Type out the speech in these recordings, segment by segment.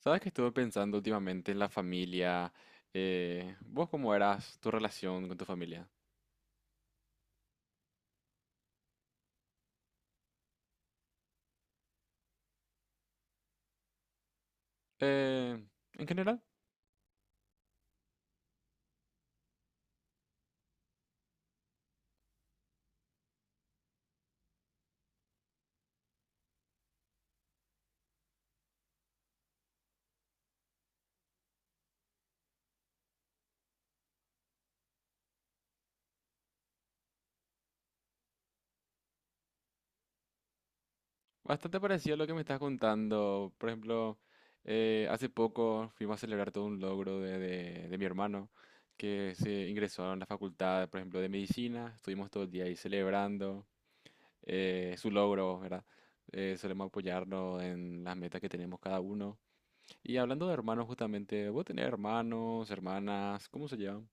Sabes que estuve pensando últimamente en la familia. ¿Vos cómo eras tu relación con tu familia? Eh, en general, bastante parecido a lo que me estás contando. Por ejemplo, hace poco fuimos a celebrar todo un logro de mi hermano que se ingresó a la facultad, por ejemplo, de medicina. Estuvimos todo el día ahí celebrando su logro, ¿verdad? Solemos apoyarnos en las metas que tenemos cada uno. Y hablando de hermanos, justamente, ¿vos tenés hermanos, hermanas? ¿Cómo se llevan?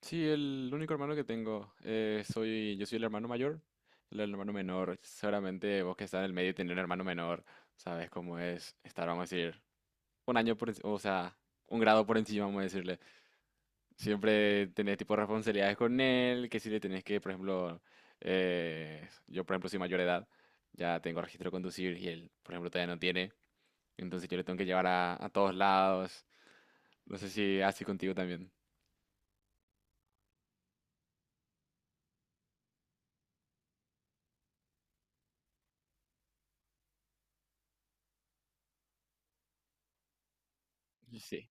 Sí, el único hermano que tengo. Soy, yo soy el hermano mayor, el hermano menor. Seguramente vos que estás en el medio y tenés un hermano menor, sabes cómo es estar, vamos a decir, un año por encima, o sea, un grado por encima, vamos a decirle. Siempre tenés tipo responsabilidades con él, que si le tenés que, por ejemplo, yo por ejemplo soy mayor de edad, ya tengo registro de conducir y él, por ejemplo, todavía no tiene. Entonces yo le tengo que llevar a todos lados. No sé si así contigo también. Sí.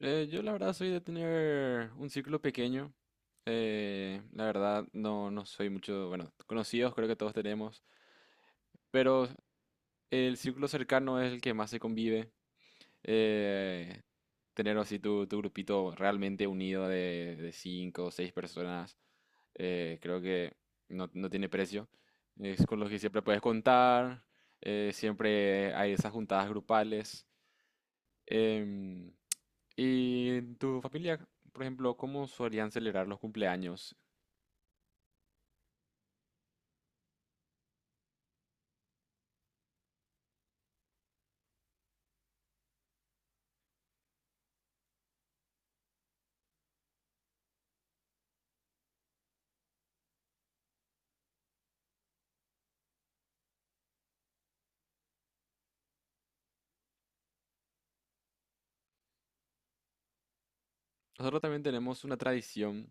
Yo la verdad soy de tener un círculo pequeño. La verdad no, no soy mucho, bueno, conocidos creo que todos tenemos, pero el círculo cercano es el que más se convive. Eh, Tener así tu grupito realmente unido de cinco o seis personas, creo que no, no tiene precio. Es con los que siempre puedes contar, siempre hay esas juntadas grupales. em, ¿Y en tu familia, por ejemplo, cómo solían celebrar los cumpleaños? Nosotros también tenemos una tradición,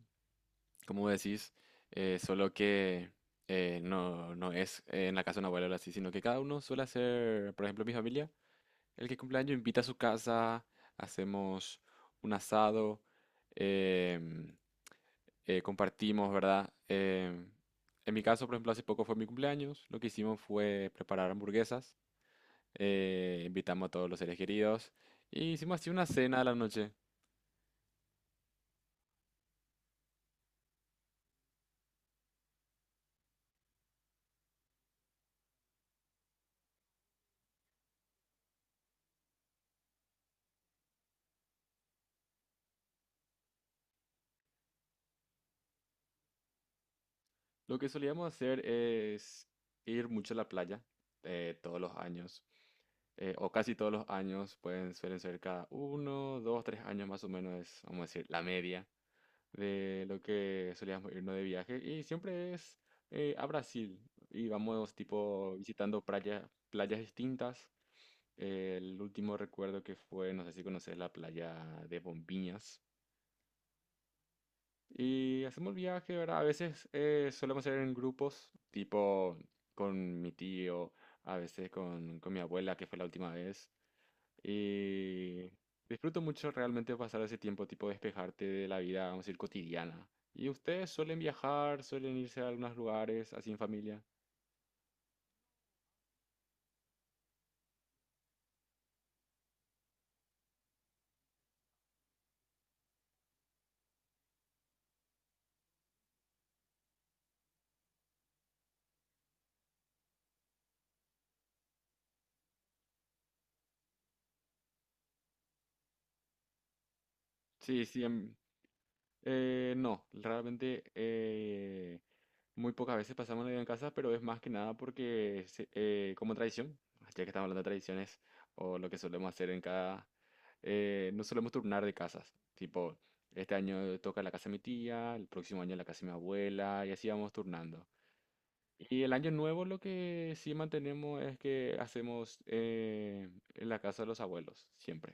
como decís, solo que no, no es en la casa de una abuela o así, sino que cada uno suele hacer, por ejemplo, mi familia, el que cumpleaños invita a su casa, hacemos un asado, em, compartimos, ¿verdad? Em, en mi caso, por ejemplo, hace poco fue mi cumpleaños, lo que hicimos fue preparar hamburguesas invitamos a todos los seres queridos y hicimos así una cena a la noche. Lo que solíamos hacer es ir mucho a la playa todos los años, o casi todos los años, pueden, suelen ser cada uno, dos, tres años más o menos, es, vamos a decir, la media de lo que solíamos irnos de viaje. Y siempre es a Brasil y vamos tipo visitando playas, playas distintas. El último recuerdo que fue, no sé si conoces la playa de Bombiñas. Y hacemos el viaje, ¿verdad? A veces solemos ir en grupos, tipo con mi tío, a veces con mi abuela, que fue la última vez. Y disfruto mucho realmente pasar ese tiempo, tipo despejarte de la vida, vamos a decir, cotidiana. ¿Y ustedes suelen viajar, suelen irse a algunos lugares así en familia? Sí, sí, em, eh, no, realmente muy pocas veces pasamos Navidad en casa, pero es más que nada porque como tradición, ya que estamos hablando de tradiciones o lo que solemos hacer en cada, nos solemos turnar de casas. Tipo, este año toca la casa de mi tía, el próximo año la casa de mi abuela y así vamos turnando. Y el año nuevo lo que sí mantenemos es que hacemos en la casa de los abuelos, siempre.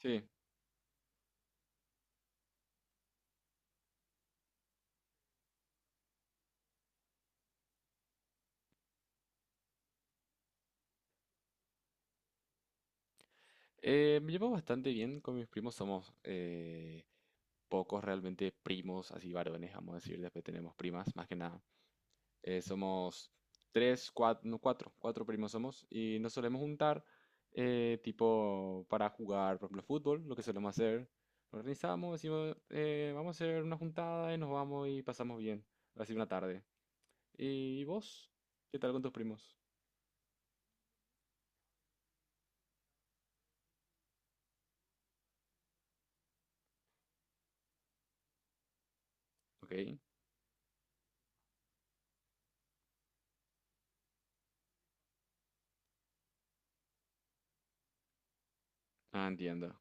Sí, me llevo bastante bien con mis primos, somos pocos realmente primos, así varones, vamos a decir, después tenemos primas, más que nada. Somos tres, cuatro, no, cuatro, cuatro primos somos y nos solemos juntar tipo para jugar, por ejemplo, fútbol, lo que solemos hacer. Nos organizamos, decimos, vamos a hacer una juntada y nos vamos y pasamos bien, así una tarde. ¿Y vos? ¿Qué tal con tus primos? Ok, ah, entiendo,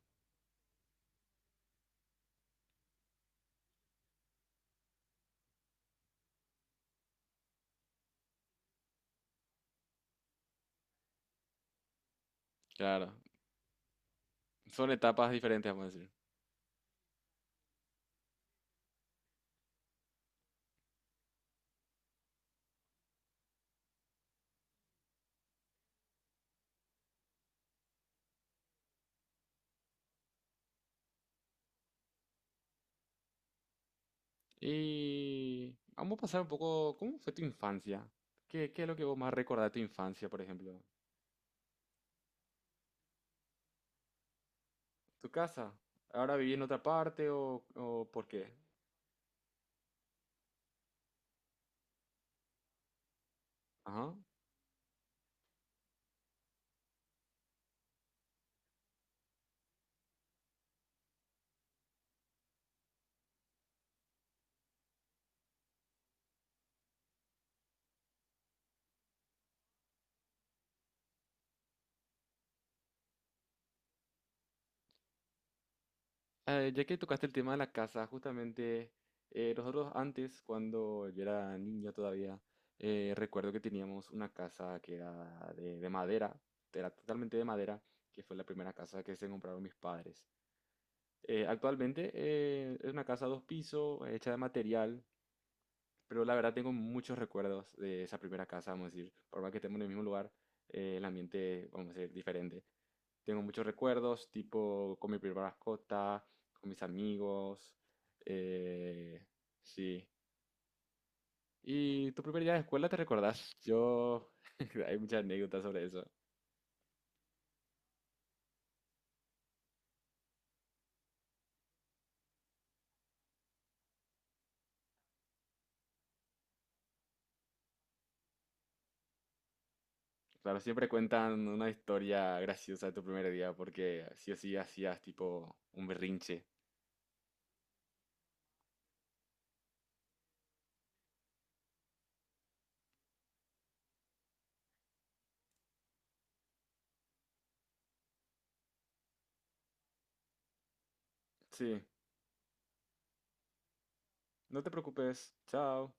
claro. Son etapas diferentes, vamos a decir. Y vamos a pasar un poco, ¿cómo fue tu infancia? ¿Qué, qué es lo que vos más recordás de tu infancia, por ejemplo? ¿Tu casa? ¿Ahora vivís en otra parte o por qué? Ajá. Ya que tocaste el tema de la casa, justamente nosotros antes, cuando yo era niño todavía, recuerdo que teníamos una casa que era de madera, era totalmente de madera, que fue la primera casa que se compraron mis padres. Actualmente es una casa dos pisos, hecha de material. Pero la verdad tengo muchos recuerdos de esa primera casa, vamos a decir, por más que estemos en el mismo lugar, el ambiente, vamos a decir, diferente. Tengo muchos recuerdos, tipo con mi primera mascota, con mis amigos, eh, sí. ¿Y tu primer día de escuela te recordás? Yo, hay muchas anécdotas sobre eso. Claro, siempre cuentan una historia graciosa de tu primer día, porque sí o sí hacías tipo un berrinche. Sí, no te preocupes, chao.